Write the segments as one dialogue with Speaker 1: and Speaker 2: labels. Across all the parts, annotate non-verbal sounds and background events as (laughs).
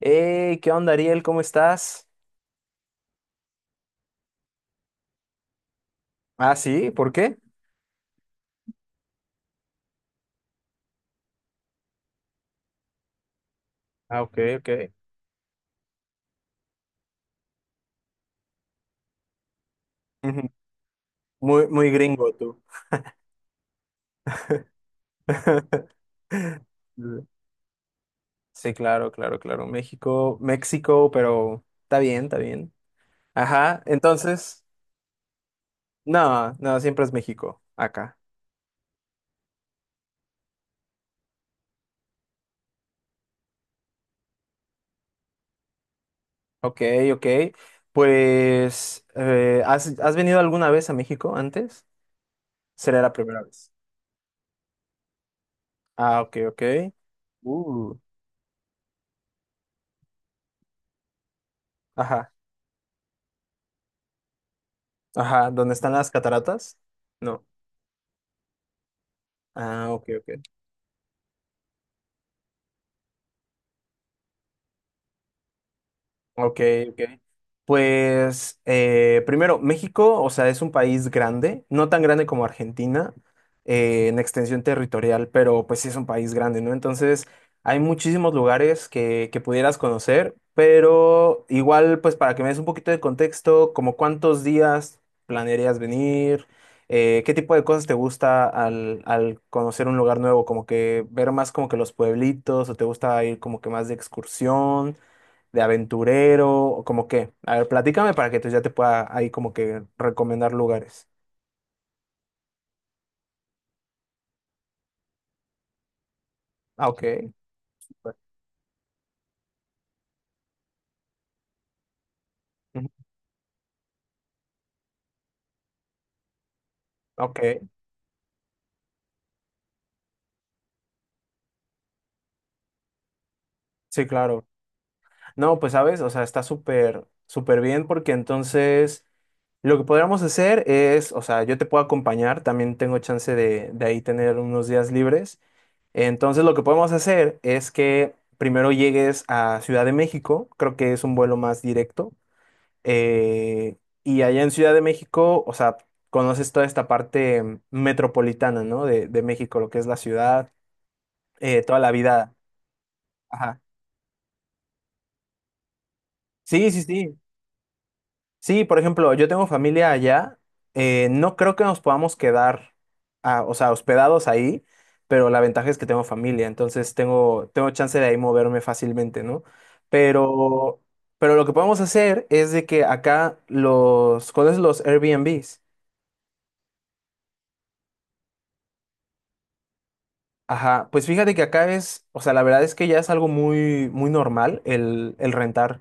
Speaker 1: Hey, ¿qué onda, Ariel? ¿Cómo estás? Ah, sí, ¿por qué? Ah, ok, ok. Ujú. Muy, muy gringo tú. (laughs) Sí, claro, claro, claro. México, México, pero está bien, está bien. Ajá, entonces, no, no, siempre es México, acá. Ok, ok. Pues, ¿has venido alguna vez a México antes? ¿Será la primera vez? Ah, ok, ok. Uh. Ajá, ajá. ¿Dónde están las cataratas? No. Ah, ok, ok. Ok, ok. Pues primero, México, o sea, es un país grande, no tan grande como Argentina en extensión territorial, pero pues sí es un país grande, ¿no? Entonces, hay muchísimos lugares que pudieras conocer, pero igual, pues para que me des un poquito de contexto, como cuántos días planearías venir. Qué tipo de cosas te gusta al conocer un lugar nuevo, como que ver más como que los pueblitos, o te gusta ir como que más de excursión, de aventurero, o como qué. A ver, platícame para que entonces ya te pueda ahí como que recomendar lugares. Ah, ok. Ujú. Ok, sí, claro. No, pues sabes, o sea, está súper, súper bien porque entonces lo que podríamos hacer es, o sea, yo te puedo acompañar, también tengo chance de ahí tener unos días libres. Entonces lo que podemos hacer es que primero llegues a Ciudad de México, creo que es un vuelo más directo. Eh, y allá en Ciudad de México, o sea, conoces toda esta parte, metropolitana, ¿no? De México, lo que es la ciudad, toda la vida. Ajá. Sí, sí, sí. Sí, por ejemplo, yo tengo familia allá. Eh, no creo que nos podamos quedar, ah, o sea, hospedados ahí, pero la ventaja es que tengo familia, entonces tengo, tengo chance de ahí moverme fácilmente, ¿no? Pero, pero lo que podemos hacer es de que acá los, ¿cuáles los Airbnbs? Ajá, pues fíjate que acá es, o sea, la verdad es que ya es algo muy, muy normal el rentar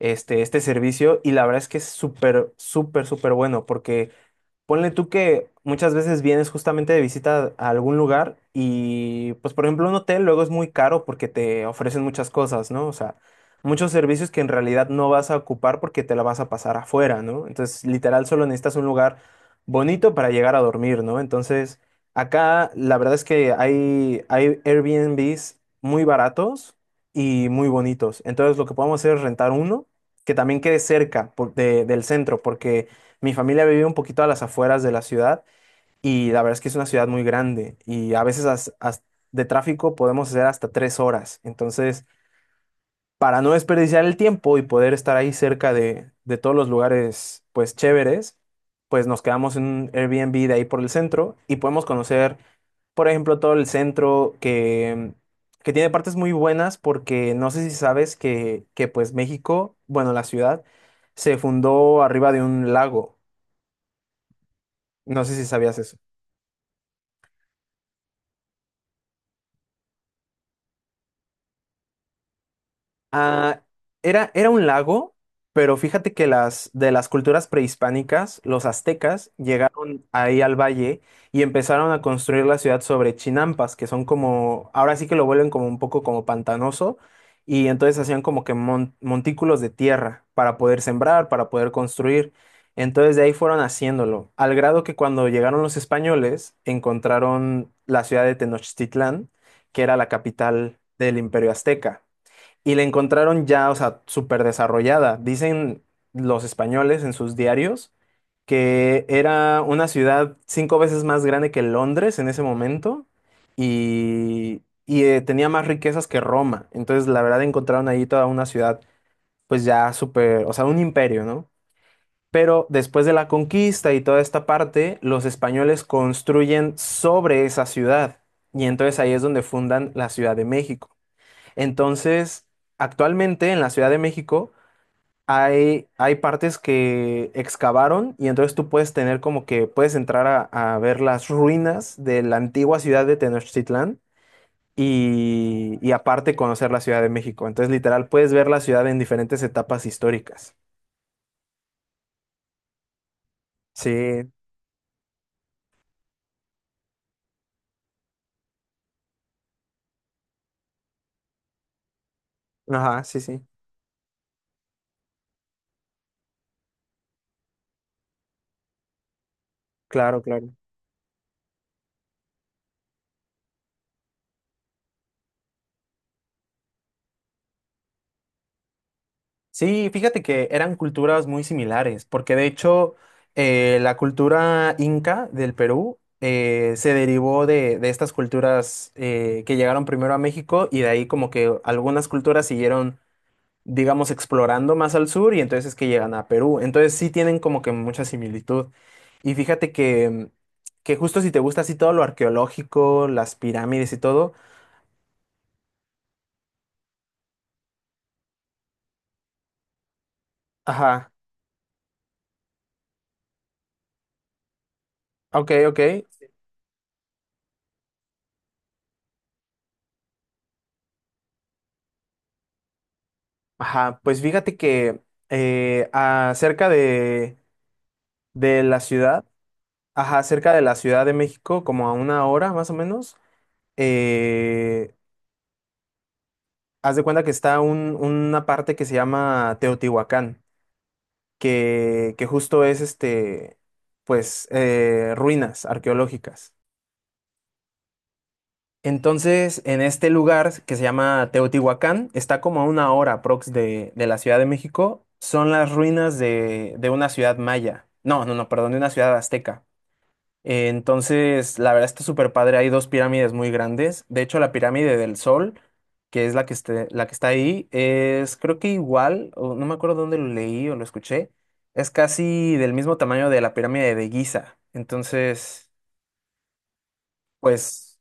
Speaker 1: este, este servicio, y la verdad es que es súper, súper, súper bueno porque ponle tú que muchas veces vienes justamente de visita a algún lugar y, pues, por ejemplo, un hotel luego es muy caro porque te ofrecen muchas cosas, ¿no? O sea, muchos servicios que en realidad no vas a ocupar porque te la vas a pasar afuera, ¿no? Entonces, literal, solo necesitas un lugar bonito para llegar a dormir, ¿no? Entonces, acá la verdad es que hay Airbnbs muy baratos y muy bonitos. Entonces, lo que podemos hacer es rentar uno que también quede cerca del centro porque... Mi familia vive un poquito a las afueras de la ciudad y la verdad es que es una ciudad muy grande y a veces de tráfico podemos hacer hasta tres horas. Entonces, para no desperdiciar el tiempo y poder estar ahí cerca de todos los lugares, pues chéveres, pues nos quedamos en un Airbnb de ahí por el centro y podemos conocer, por ejemplo, todo el centro que tiene partes muy buenas porque no sé si sabes que pues México, bueno, la ciudad se fundó arriba de un lago. No sé si sabías eso. Ah, era un lago, pero fíjate que las de las culturas prehispánicas, los aztecas llegaron ahí al valle y empezaron a construir la ciudad sobre chinampas, que son como, ahora sí que lo vuelven como un poco como pantanoso, y entonces hacían como que montículos de tierra para poder sembrar, para poder construir. Entonces de ahí fueron haciéndolo, al grado que cuando llegaron los españoles encontraron la ciudad de Tenochtitlán, que era la capital del Imperio Azteca, y la encontraron ya, o sea, súper desarrollada. Dicen los españoles en sus diarios que era una ciudad cinco veces más grande que Londres en ese momento y, tenía más riquezas que Roma. Entonces, la verdad, encontraron ahí toda una ciudad, pues ya súper, o sea, un imperio, ¿no? Pero después de la conquista y toda esta parte, los españoles construyen sobre esa ciudad y entonces ahí es donde fundan la Ciudad de México. Entonces, actualmente en la Ciudad de México hay, hay partes que excavaron y entonces tú puedes tener como que puedes entrar a ver las ruinas de la antigua ciudad de Tenochtitlán y aparte conocer la Ciudad de México. Entonces, literal, puedes ver la ciudad en diferentes etapas históricas. Sí, ajá, sí, sí, claro, claro. Sí, fíjate que eran culturas muy similares, porque de hecho la cultura inca del Perú, se derivó de estas culturas que llegaron primero a México y de ahí como que algunas culturas siguieron, digamos, explorando más al sur y entonces es que llegan a Perú. Entonces sí tienen como que mucha similitud. Y fíjate que justo si te gusta así todo lo arqueológico, las pirámides y todo, ajá, ok, ok. Ajá, pues fíjate que eh, a- de, de la ciudad, ajá, cerca de la Ciudad de México, como a una hora más o menos, eh, haz de cuenta que está una parte que se llama Teotihuacán, que justo es este, pues, ruinas arqueológicas. Entonces, en este lugar que se llama Teotihuacán, está como a una hora aprox de la Ciudad de México, son las ruinas de una ciudad maya. No, no, no, perdón, de una ciudad azteca. Entonces, la verdad está súper padre, hay dos pirámides muy grandes. De hecho, la pirámide del Sol, que es la que, la que está ahí, es creo que igual, o no me acuerdo dónde lo leí o lo escuché, es casi del mismo tamaño de la pirámide de Giza. Entonces, pues...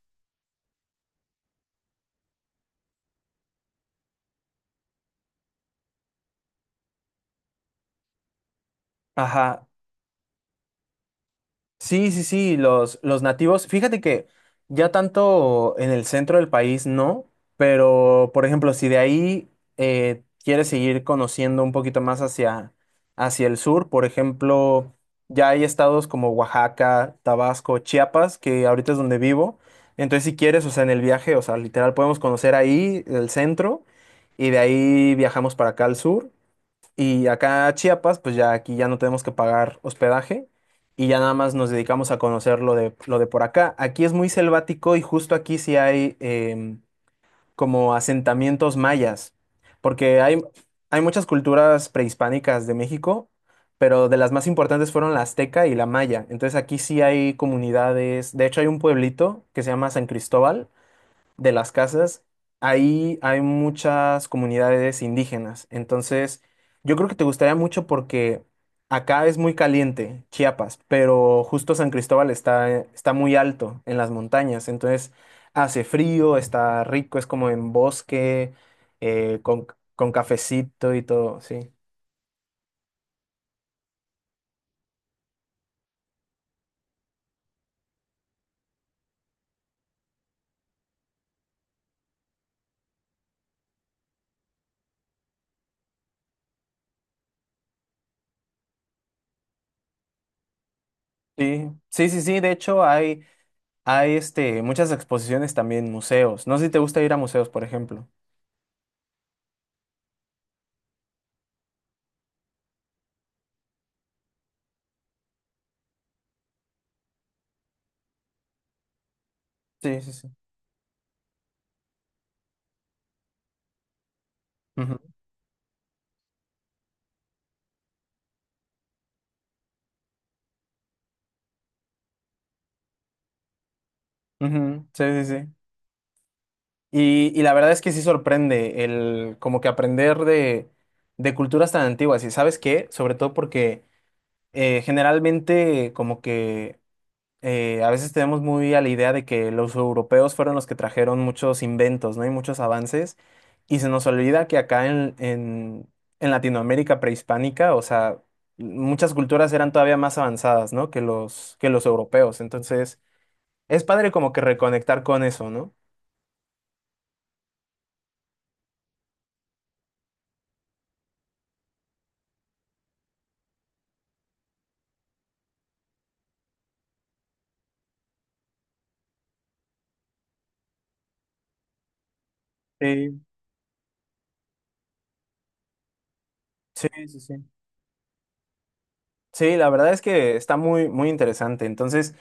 Speaker 1: Ajá, sí, sí, sí, los nativos. Fíjate que ya tanto en el centro del país no, pero por ejemplo, si de ahí quieres seguir conociendo un poquito más hacia, hacia el sur, por ejemplo, ya hay estados como Oaxaca, Tabasco, Chiapas, que ahorita es donde vivo. Entonces, si quieres, o sea, en el viaje, o sea, literal podemos conocer ahí el centro y de ahí viajamos para acá al sur. Y acá a Chiapas, pues ya aquí ya no tenemos que pagar hospedaje y ya nada más nos dedicamos a conocer lo de por acá. Aquí es muy selvático y justo aquí sí hay como asentamientos mayas, porque hay muchas culturas prehispánicas de México, pero de las más importantes fueron la azteca y la maya. Entonces aquí sí hay comunidades, de hecho hay un pueblito que se llama San Cristóbal de las Casas, ahí hay muchas comunidades indígenas. Entonces, yo creo que te gustaría mucho porque acá es muy caliente, Chiapas, pero justo San Cristóbal está, está muy alto en las montañas. Entonces, hace frío, está rico, es como en bosque, eh, con, con cafecito y todo, sí. Sí, sí, sí, sí, de hecho hay, hay este, muchas exposiciones también, museos. No sé si te gusta ir a museos, por ejemplo. Sí, sí, sí. Ujú, ujú, sí, sí, sí. Y la verdad es que sí sorprende el como que aprender de culturas tan antiguas. ¿Y sabes qué? Sobre todo porque generalmente como que a veces tenemos muy a la idea de que los europeos fueron los que trajeron muchos inventos, ¿no? Y muchos avances. Y se nos olvida que acá en Latinoamérica prehispánica, o sea, muchas culturas eran todavía más avanzadas, ¿no? Que los europeos. Entonces, es padre como que reconectar con eso, ¿no? Sí, sí, sí, sí. Sí, la verdad es que está muy, muy interesante. Entonces,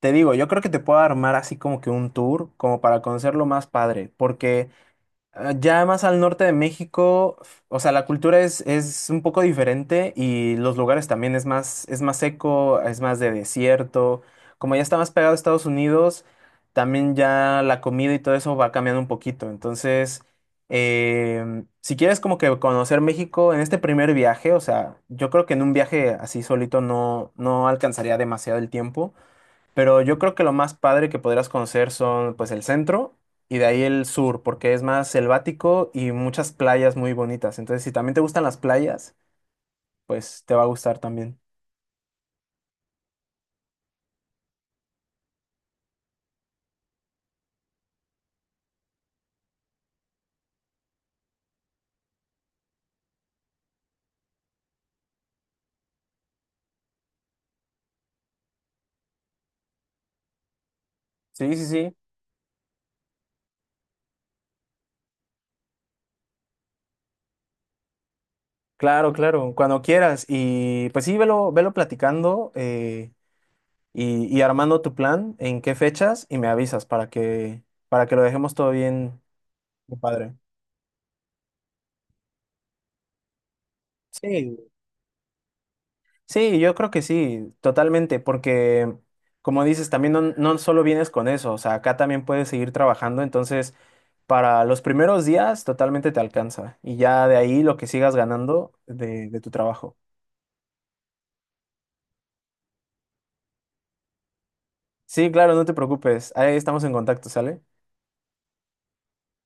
Speaker 1: te digo, yo creo que te puedo armar así como que un tour, como para conocerlo más padre, porque ah, ya más al norte de México, o sea, la cultura es un poco diferente y los lugares también es más seco, es más de desierto. Como ya está más pegado a Estados Unidos, también ya la comida y todo eso va cambiando un poquito. Entonces, si quieres como que conocer México en este primer viaje, o sea, yo creo que en un viaje así solito no, no alcanzaría demasiado el tiempo. Pero yo creo que lo más padre que podrías conocer son pues el centro y de ahí el sur, porque es más selvático y muchas playas muy bonitas. Entonces, si también te gustan las playas, pues te va a gustar también. Sí, sí, sí. Claro, claro. Cuando quieras. Y pues sí, velo, velo platicando y armando tu plan, en qué fechas, y me avisas para que lo dejemos todo bien, bien padre. Sí, sí, yo creo que sí, totalmente, porque como dices, también no, no solo vienes con eso, o sea, acá también puedes seguir trabajando, entonces para los primeros días totalmente te alcanza y ya de ahí lo que sigas ganando de tu trabajo. Sí, claro, no te preocupes, ahí estamos en contacto, ¿sale?